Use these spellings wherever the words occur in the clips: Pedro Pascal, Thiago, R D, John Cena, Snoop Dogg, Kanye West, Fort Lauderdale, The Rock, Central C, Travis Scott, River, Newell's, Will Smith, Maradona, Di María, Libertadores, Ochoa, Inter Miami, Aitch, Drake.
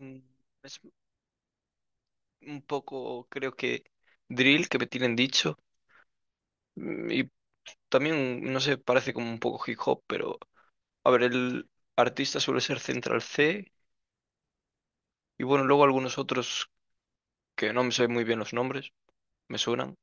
Mm, Es un poco, creo que, drill que me tienen dicho. Y también, no sé, parece como un poco hip hop, pero a ver, el artista suele ser Central C. Y bueno, luego algunos otros que no me sé muy bien los nombres, me suenan.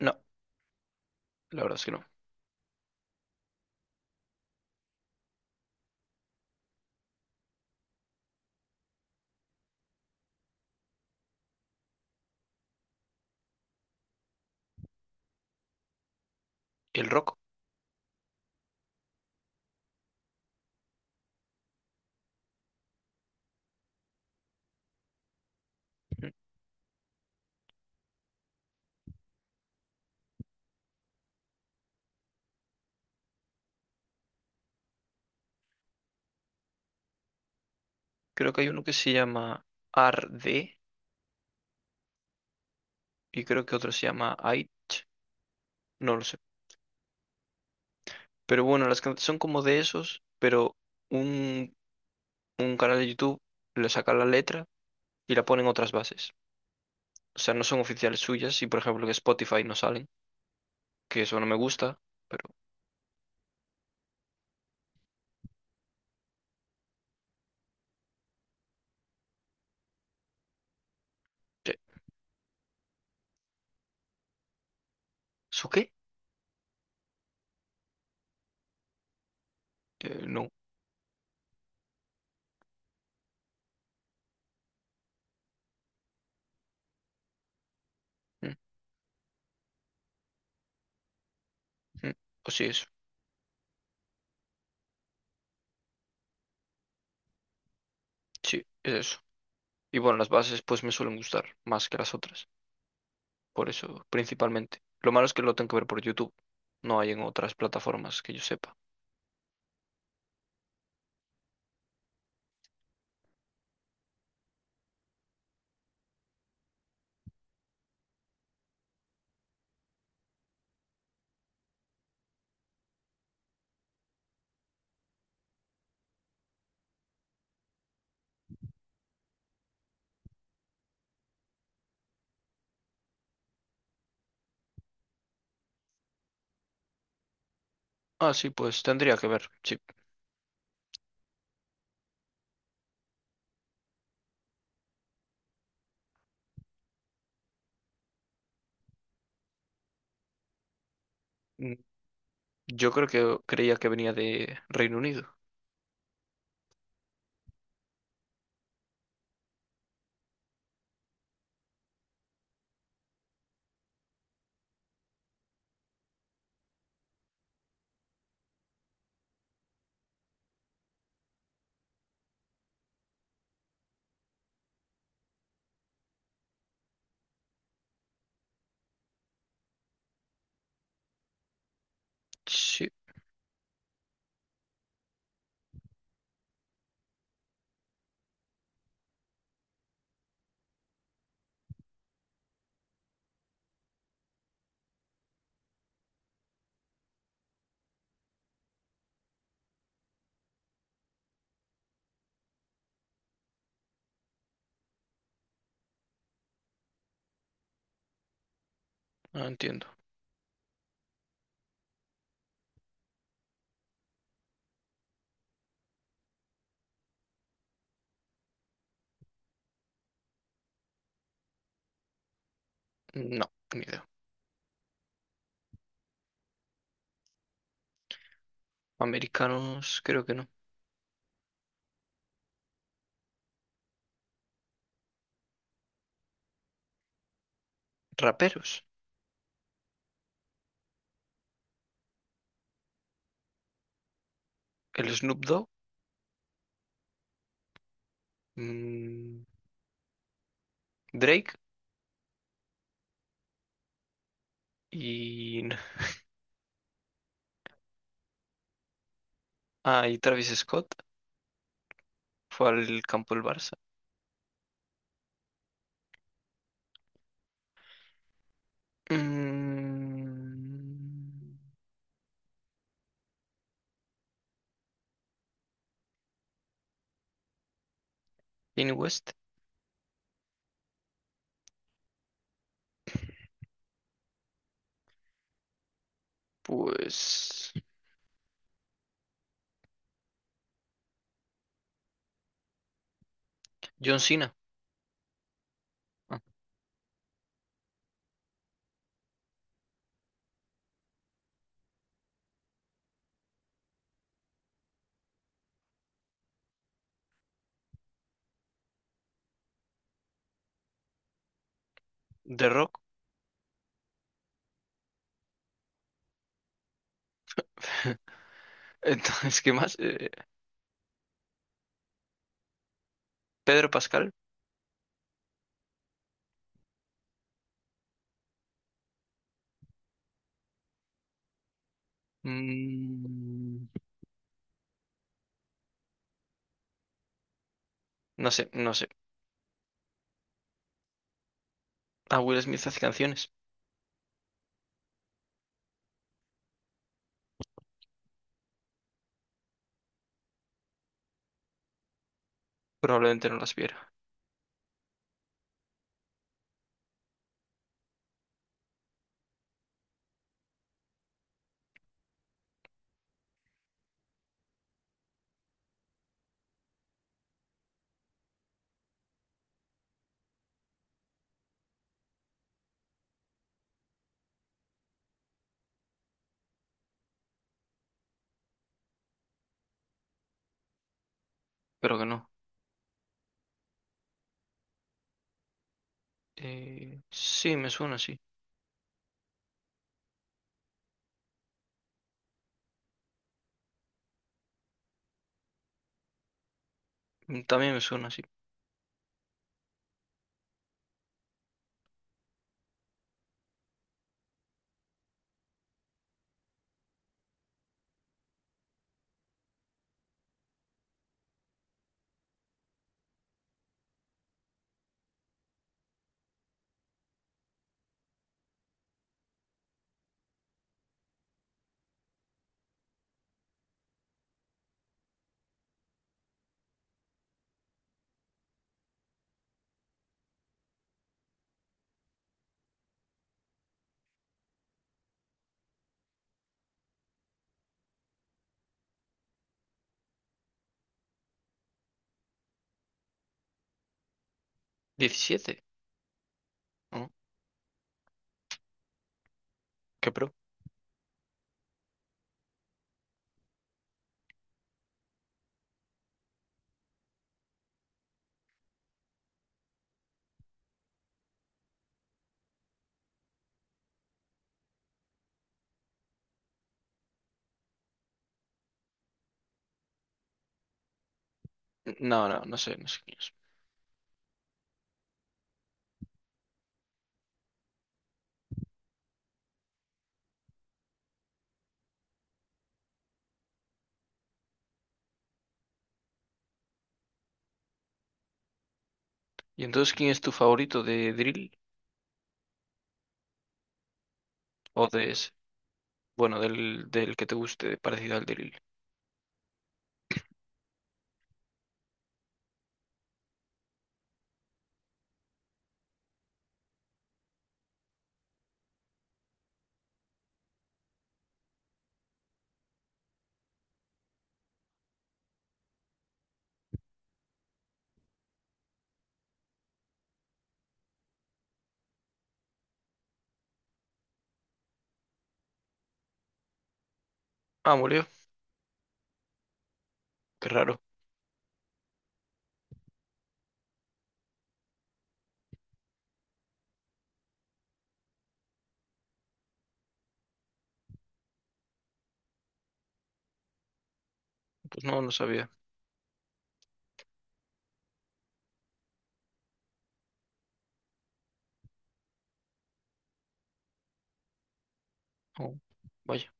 No, la verdad es que no. ¿Y el rock? Mm, Creo que hay uno que se llama RD y creo que otro se llama Aitch, no lo sé. Pero bueno, las canciones son como de esos, pero un, un canal de YouTube le saca la letra y la ponen otras bases. O sea, no son oficiales suyas y por ejemplo en Spotify no salen, que eso no me gusta, pero sí. ¿Eso qué? No. Mm, mm. Pues sí, eso. Sí, es eso. Y bueno, las bases pues me suelen gustar más que las otras, por eso principalmente. Lo malo es que lo tengo que ver por YouTube, no hay en otras plataformas que yo sepa. Ah, sí, pues tendría que ver, sí. Mm, Yo creo que creía que venía de Reino Unido. Sí, no entiendo. No, ni idea. Americanos, creo que no. Raperos. El Snoop Dogg, mm, Drake y... Ah, y Travis Scott fue al campo del Barça. Mm, Kanye West, pues... John Cena. Ah, The Rock. Entonces, ¿qué más? Pedro Pascal. Mm, no sé, no sé. A Will Smith hace canciones. Probablemente no las viera. Pero que no. Sí, me suena sí. Mm, también me suena sí. ¿17? ¿No? ¿Qué pro? No, no, no sé, no sé quién es. ¿Y entonces quién es tu favorito de Drill? ¿O de ese? Bueno, del que te guste, parecido al Drill. Ah, murió. Qué raro. Pues no, no sabía. Oh, vaya.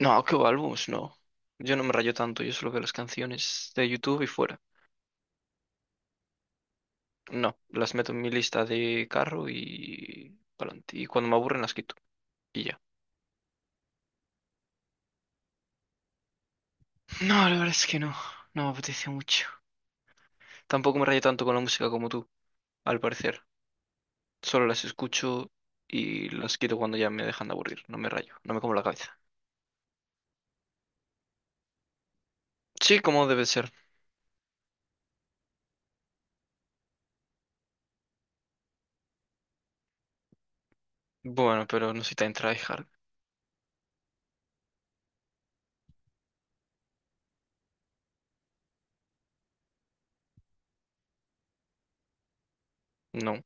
No, qué álbumes, no. Yo no me rayo tanto, yo solo veo las canciones de YouTube y fuera. No, las meto en mi lista de carro y pa'lante. Y cuando me aburren las quito. Y ya. No, la verdad es que no. No me apetece mucho. Tampoco me rayo tanto con la música como tú, al parecer. Solo las escucho y las quito cuando ya me dejan de aburrir. No me rayo, no me como la cabeza. Sí, como debe ser. Bueno, pero no soy tan tryhard. No.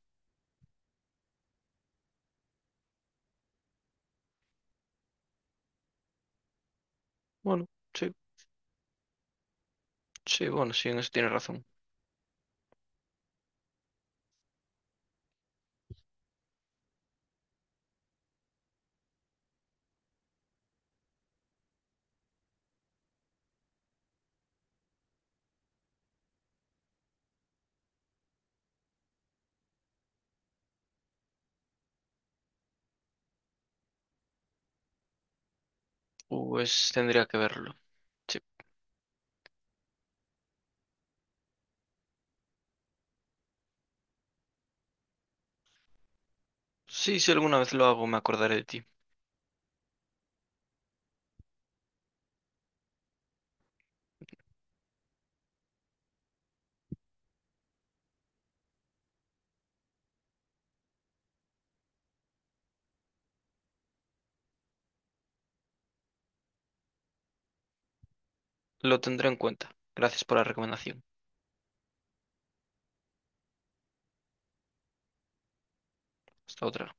Bueno, sí, sí, bueno, sí, en eso tienes razón. Pues tendría que verlo. Sí. Sí, si alguna vez lo hago, me acordaré de ti. Lo tendré en cuenta. Gracias por la recomendación. Hasta otra.